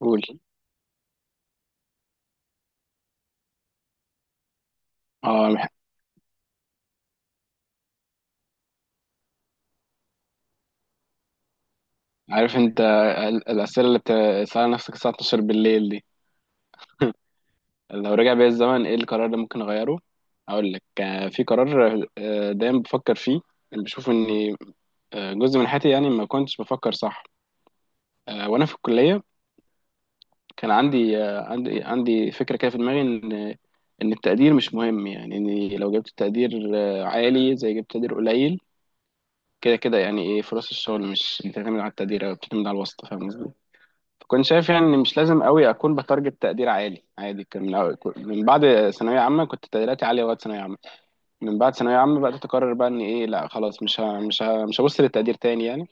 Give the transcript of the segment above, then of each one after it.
قول اه الح- عارف انت الاسئله اللي بتسالها نفسك الساعه 12 بالليل دي. لو رجع بيا الزمن ايه القرار اللي ممكن اغيره؟ اقول لك في قرار دايما بفكر فيه. اللي بشوف ان جزء من حياتي يعني ما كنتش بفكر صح. وانا في الكليه كان عندي عندي فكره كده في دماغي ان التقدير مش مهم، يعني اني لو جبت تقدير عالي زي جبت تقدير قليل. كده كده يعني ايه؟ فرص الشغل مش بتعتمد على التقدير او بتعتمد على الواسطه، فاهم. كنت شايف يعني إن مش لازم قوي اكون بتارجت تقدير عالي عادي. كان من أول من بعد ثانويه عامه كنت تقديراتي عاليه وقت ثانويه عامه. من بعد ثانويه عامه بقى تقرر بقى ان ايه، لا خلاص، مش هبص للتقدير تاني يعني.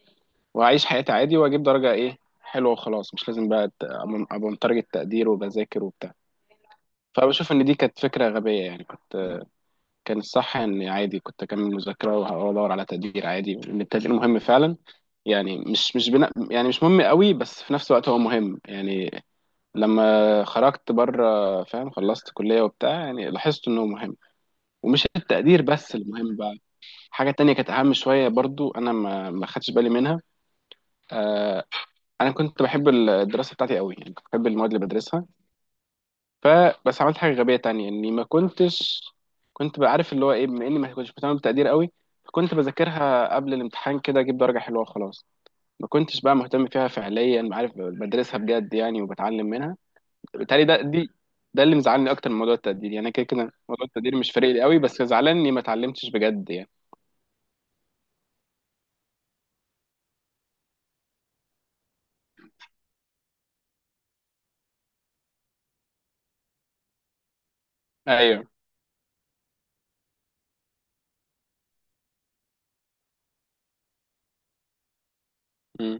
وهعيش حياتي عادي واجيب درجه ايه حلوه وخلاص، مش لازم بقى ابقى متارجت تقدير وبذاكر وبتاع. فبشوف ان دي كانت فكره غبيه يعني. كان الصح ان عادي كنت اكمل مذاكره وادور على تقدير عادي، لان التقدير مهم فعلا. يعني مش بنا، يعني مش مهم قوي، بس في نفس الوقت هو مهم يعني. لما خرجت بره فاهم خلصت كلية وبتاع، يعني لاحظت انه مهم، ومش التقدير بس المهم بقى. حاجة تانية كانت اهم شوية برضو، انا ما خدتش بالي منها. آه، انا كنت بحب الدراسة بتاعتي قوي، يعني كنت بحب المواد اللي بدرسها. فبس عملت حاجة غبية تانية، اني ما كنتش كنت بعرف اللي هو ايه، بما اني ما كنتش مهتم بالتقدير قوي، كنت بذاكرها قبل الامتحان كده اجيب درجة حلوة وخلاص. ما كنتش بقى مهتم فيها فعليا، بعرف بدرسها بجد يعني وبتعلم منها. بالتالي ده اللي مزعلني اكتر من موضوع التقدير، يعني أنا كده كده موضوع التقدير مش فارق لي قوي، بس زعلان اني ما اتعلمتش بجد يعني. ايوه. امم.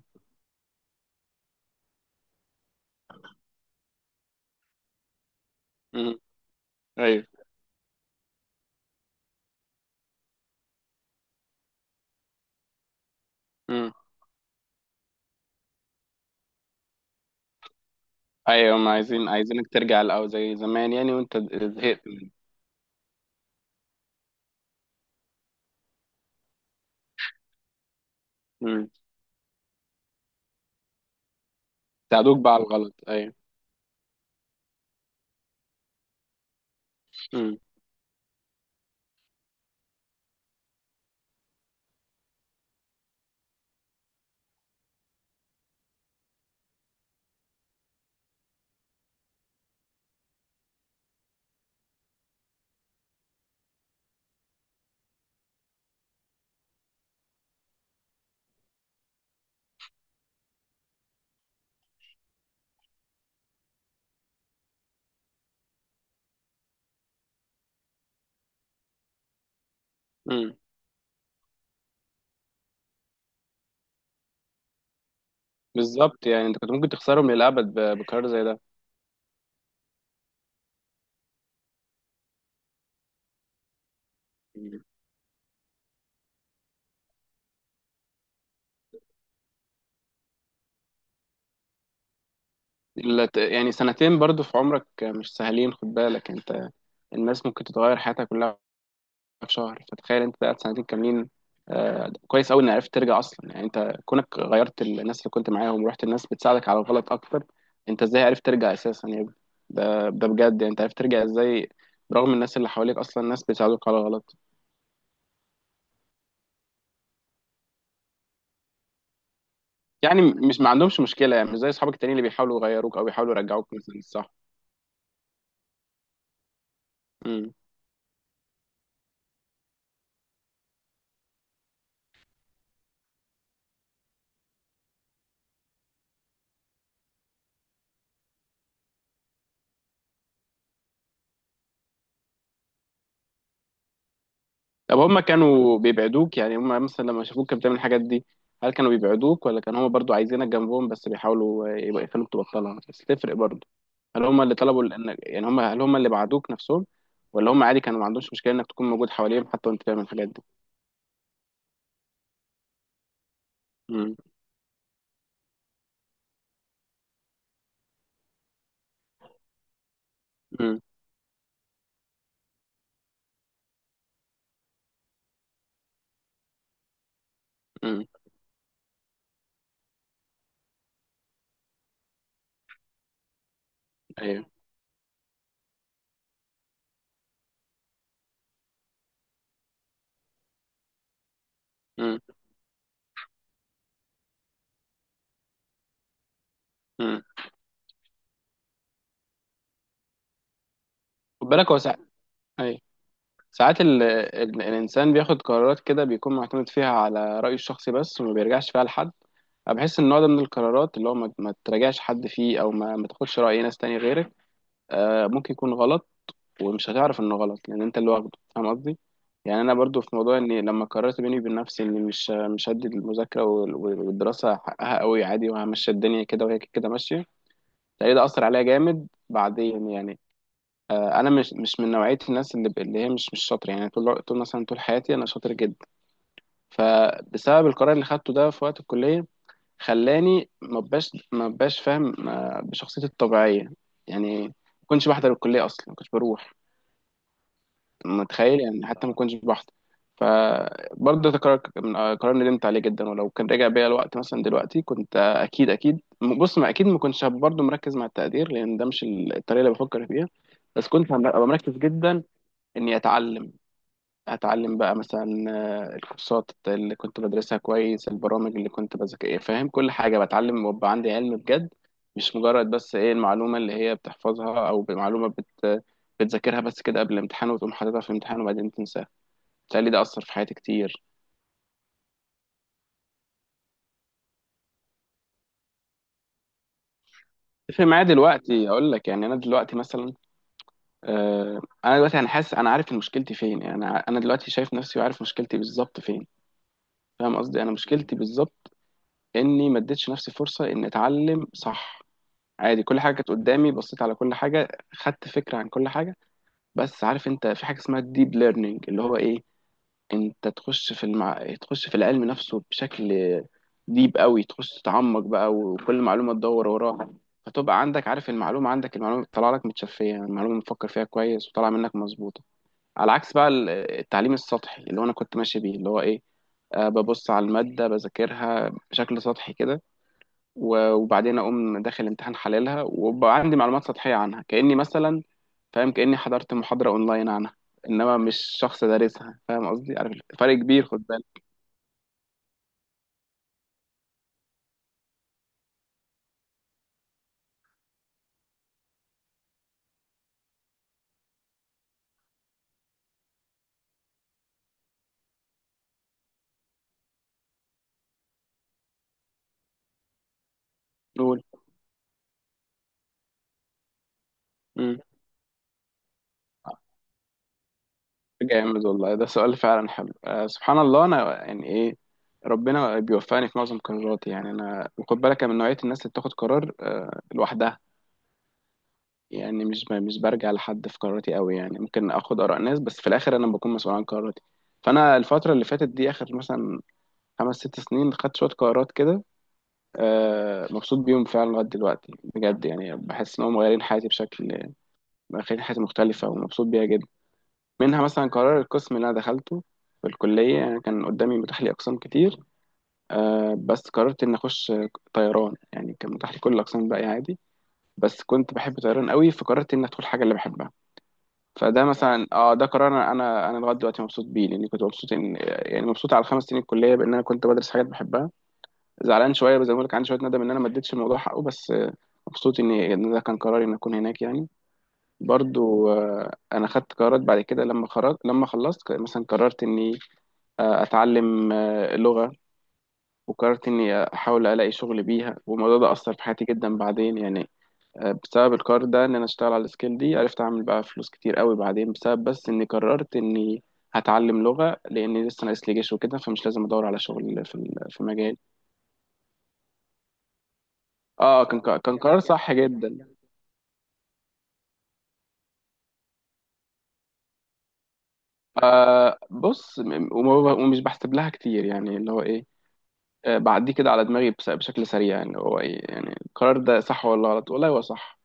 امم. ايوه. امم. ايوه، هم عايزينك ترجع الاول زي زمان يعني وانت زهقت. امم. ساعدوك بقى على الغلط، ايوه. امم. امم. بالظبط، يعني انت كنت ممكن تخسرهم للابد بقرار زي ده. مم. يعني 2 سنين برضو في عمرك مش سهلين، خد بالك انت. الناس ممكن تتغير حياتها كلها في شهر، فتخيل انت قاعد 2 سنين كاملين. آه، كويس قوي ان عرفت ترجع اصلا، يعني انت كونك غيرت الناس اللي كنت معاهم ورحت الناس بتساعدك على الغلط اكتر، انت ازاي عرفت ترجع اساسا يعني؟ ده بجد يعني انت عرفت ترجع ازاي؟ برغم الناس اللي حواليك، اصلا الناس بتساعدوك على الغلط. يعني مش ما عندهمش مشكله، يعني مش زي اصحابك التانيين اللي بيحاولوا يغيروك او بيحاولوا يرجعوك مثلا الصح. امم. طب هم كانوا بيبعدوك؟ يعني هم مثلا لما شافوك كانت بتعمل الحاجات دي، هل كانوا بيبعدوك ولا كانوا هم برضو عايزينك جنبهم بس بيحاولوا يبقى يخلوك تبطلها بس تفرق برضو؟ هل هم اللي طلبوا ان، يعني هل هم اللي بعدوك نفسهم ولا هم عادي كانوا ما عندهمش مشكله انك تكون موجود حواليهم حتى وانت بتعمل الحاجات دي؟ امم. امم. امم. ايوه. امم. امم. خد بالك هو ساعات، ايوه، ساعات الانسان بياخد قرارات كده بيكون معتمد فيها على رايه الشخصي بس، وما بيرجعش فيها لحد. انا بحس ان النوع ده من القرارات اللي هو ما تراجعش حد فيه او ما تاخدش راي ناس تاني غيرك، آه ممكن يكون غلط، ومش هتعرف انه غلط لان انت اللي واخده، فاهم قصدي. يعني انا برضو في موضوع اني لما قررت بيني وبين نفسي اني مش هدي المذاكره والدراسه حقها قوي، عادي وهمشي الدنيا كده وهي كده ماشيه، تلاقي ده اثر عليا جامد بعدين يعني. آه، انا مش من نوعيه الناس اللي هي مش شاطره، يعني طول طول مثلا طول حياتي انا شاطر جدا. فبسبب القرار اللي خدته ده في وقت الكليه، خلاني ما بقاش فاهم آه، بشخصيتي الطبيعيه. يعني ما كنتش بحضر الكليه اصلا، ما كنتش بروح. متخيل يعني حتى ما كنتش بحضر. فبرضه ده قرار من قرار ندمت عليه جدا، ولو كان رجع بيا الوقت مثلا دلوقتي كنت اكيد اكيد، بص ما اكيد ما كنتش برضه مركز مع التقدير لان ده مش الطريقه اللي بفكر فيها، بس كنت هبقى مركز جدا اني اتعلم. هتعلم بقى مثلا آه، الكورسات اللي كنت بدرسها كويس، البرامج اللي كنت بذاكر فاهم كل حاجة بتعلم وابقى عندي علم بجد. مش مجرد بس ايه المعلومة اللي هي بتحفظها او معلومة بتذاكرها بس كده قبل الامتحان وتقوم حاططها في الامتحان وبعدين تنساها. بتهيألي ده أثر في حياتي كتير. تفرق معايا دلوقتي أقول لك، يعني أنا دلوقتي مثلا أنا حاسس أنا عارف إن مشكلتي فين، يعني أنا دلوقتي شايف نفسي وعارف مشكلتي بالظبط فين، فاهم قصدي. أنا مشكلتي بالظبط إني ما اديتش نفسي فرصة إني أتعلم صح. عادي كل حاجه كانت قدامي بصيت على كل حاجه، خدت فكره عن كل حاجه، بس عارف انت في حاجه اسمها الديب ليرنينج اللي هو ايه. انت تخش في تخش في العلم نفسه بشكل ديب قوي، تخش تتعمق بقى وكل معلومه تدور وراها، فتبقى عندك عارف المعلومه، عندك المعلومه طالعه لك متشفيه يعني، المعلومه مفكر فيها كويس وطالعه منك مظبوطه. على عكس بقى التعليم السطحي اللي هو انا كنت ماشي بيه، اللي هو ايه آه، ببص على الماده بذاكرها بشكل سطحي كده، وبعدين اقوم داخل امتحان حللها وبقى عندي معلومات سطحيه عنها كاني مثلا فاهم كاني حضرت محاضره اونلاين عنها، انما مش شخص دارسها. فاهم قصدي، عارف فرق كبير، خد بالك. نقول. امم. جامد والله، ده سؤال فعلا حلو. آه، سبحان الله. انا يعني ايه، ربنا بيوفقني في معظم قراراتي، يعني انا وخد بالك أنا من نوعيه الناس اللي بتاخد قرار آه لوحدها. يعني مش برجع لحد في قراراتي قوي، يعني ممكن اخد اراء ناس بس في الاخر انا بكون مسؤول عن قراراتي. فانا الفتره اللي فاتت دي اخر مثلا 5 6 سنين خدت شوية قرارات كده، آه، مبسوط بيهم فعلا لغاية دلوقتي بجد، يعني بحس إن هم مغيرين حياتي بشكل، مغيرين حياتي مختلفة ومبسوط بيها جدا. منها مثلا قرار القسم اللي أنا دخلته في الكلية، يعني كان قدامي متاح لي أقسام كتير، آه، بس قررت إني أخش طيران. يعني كان متاح لي كل الأقسام الباقية عادي، بس كنت بحب طيران قوي، فقررت إني أدخل حاجة اللي بحبها. فده مثلا ده قرار انا انا أنا لغايه دلوقتي مبسوط بيه لاني كنت مبسوط ان، يعني مبسوط على ال5 سنين الكليه بان انا كنت بدرس حاجات بحبها. زعلان شويه زي ما بقول لك، عندي شويه ندم ان انا ما اديتش الموضوع حقه، بس آه، مبسوط إن ده كان قراري ان اكون هناك يعني. برضو آه، انا خدت قرارات بعد كده لما خرجت لما خلصت مثلا قررت اني آه، اتعلم آه، لغه، وقررت اني احاول الاقي شغل بيها، والموضوع ده اثر في حياتي جدا بعدين يعني. آه، بسبب القرار ده ان انا اشتغل على السكيل دي عرفت اعمل بقى فلوس كتير قوي بعدين، بسبب بس اني قررت اني هتعلم لغه لاني لسه ناقص لي جيش وكده فمش لازم ادور على شغل في في مجال. اه كان قرار صح جدا. آه بص، ومش بحسب لها كتير، يعني اللي هو ايه آه، بعديه كده على دماغي بشكل سريع، يعني هو ايه يعني القرار ده صح ولا غلط، والله هو صح.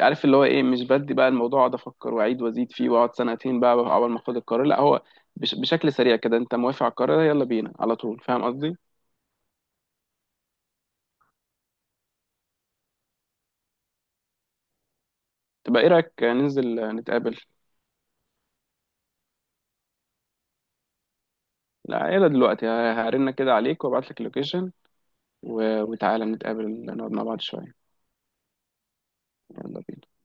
عارف اللي هو ايه مش بدي بقى الموضوع اقعد افكر واعيد وازيد فيه واقعد 2 سنين بقى اول ما اخد القرار، لا هو بشكل سريع كده انت موافق على القرار ده؟ يلا بينا على طول، فاهم قصدي. تبقى ايه رايك ننزل نتقابل؟ لا يلا دلوقتي هرن كده عليك وابعت لك اللوكيشن، وتعالى نتقابل نقعد مع بعض شويه. يلا بينا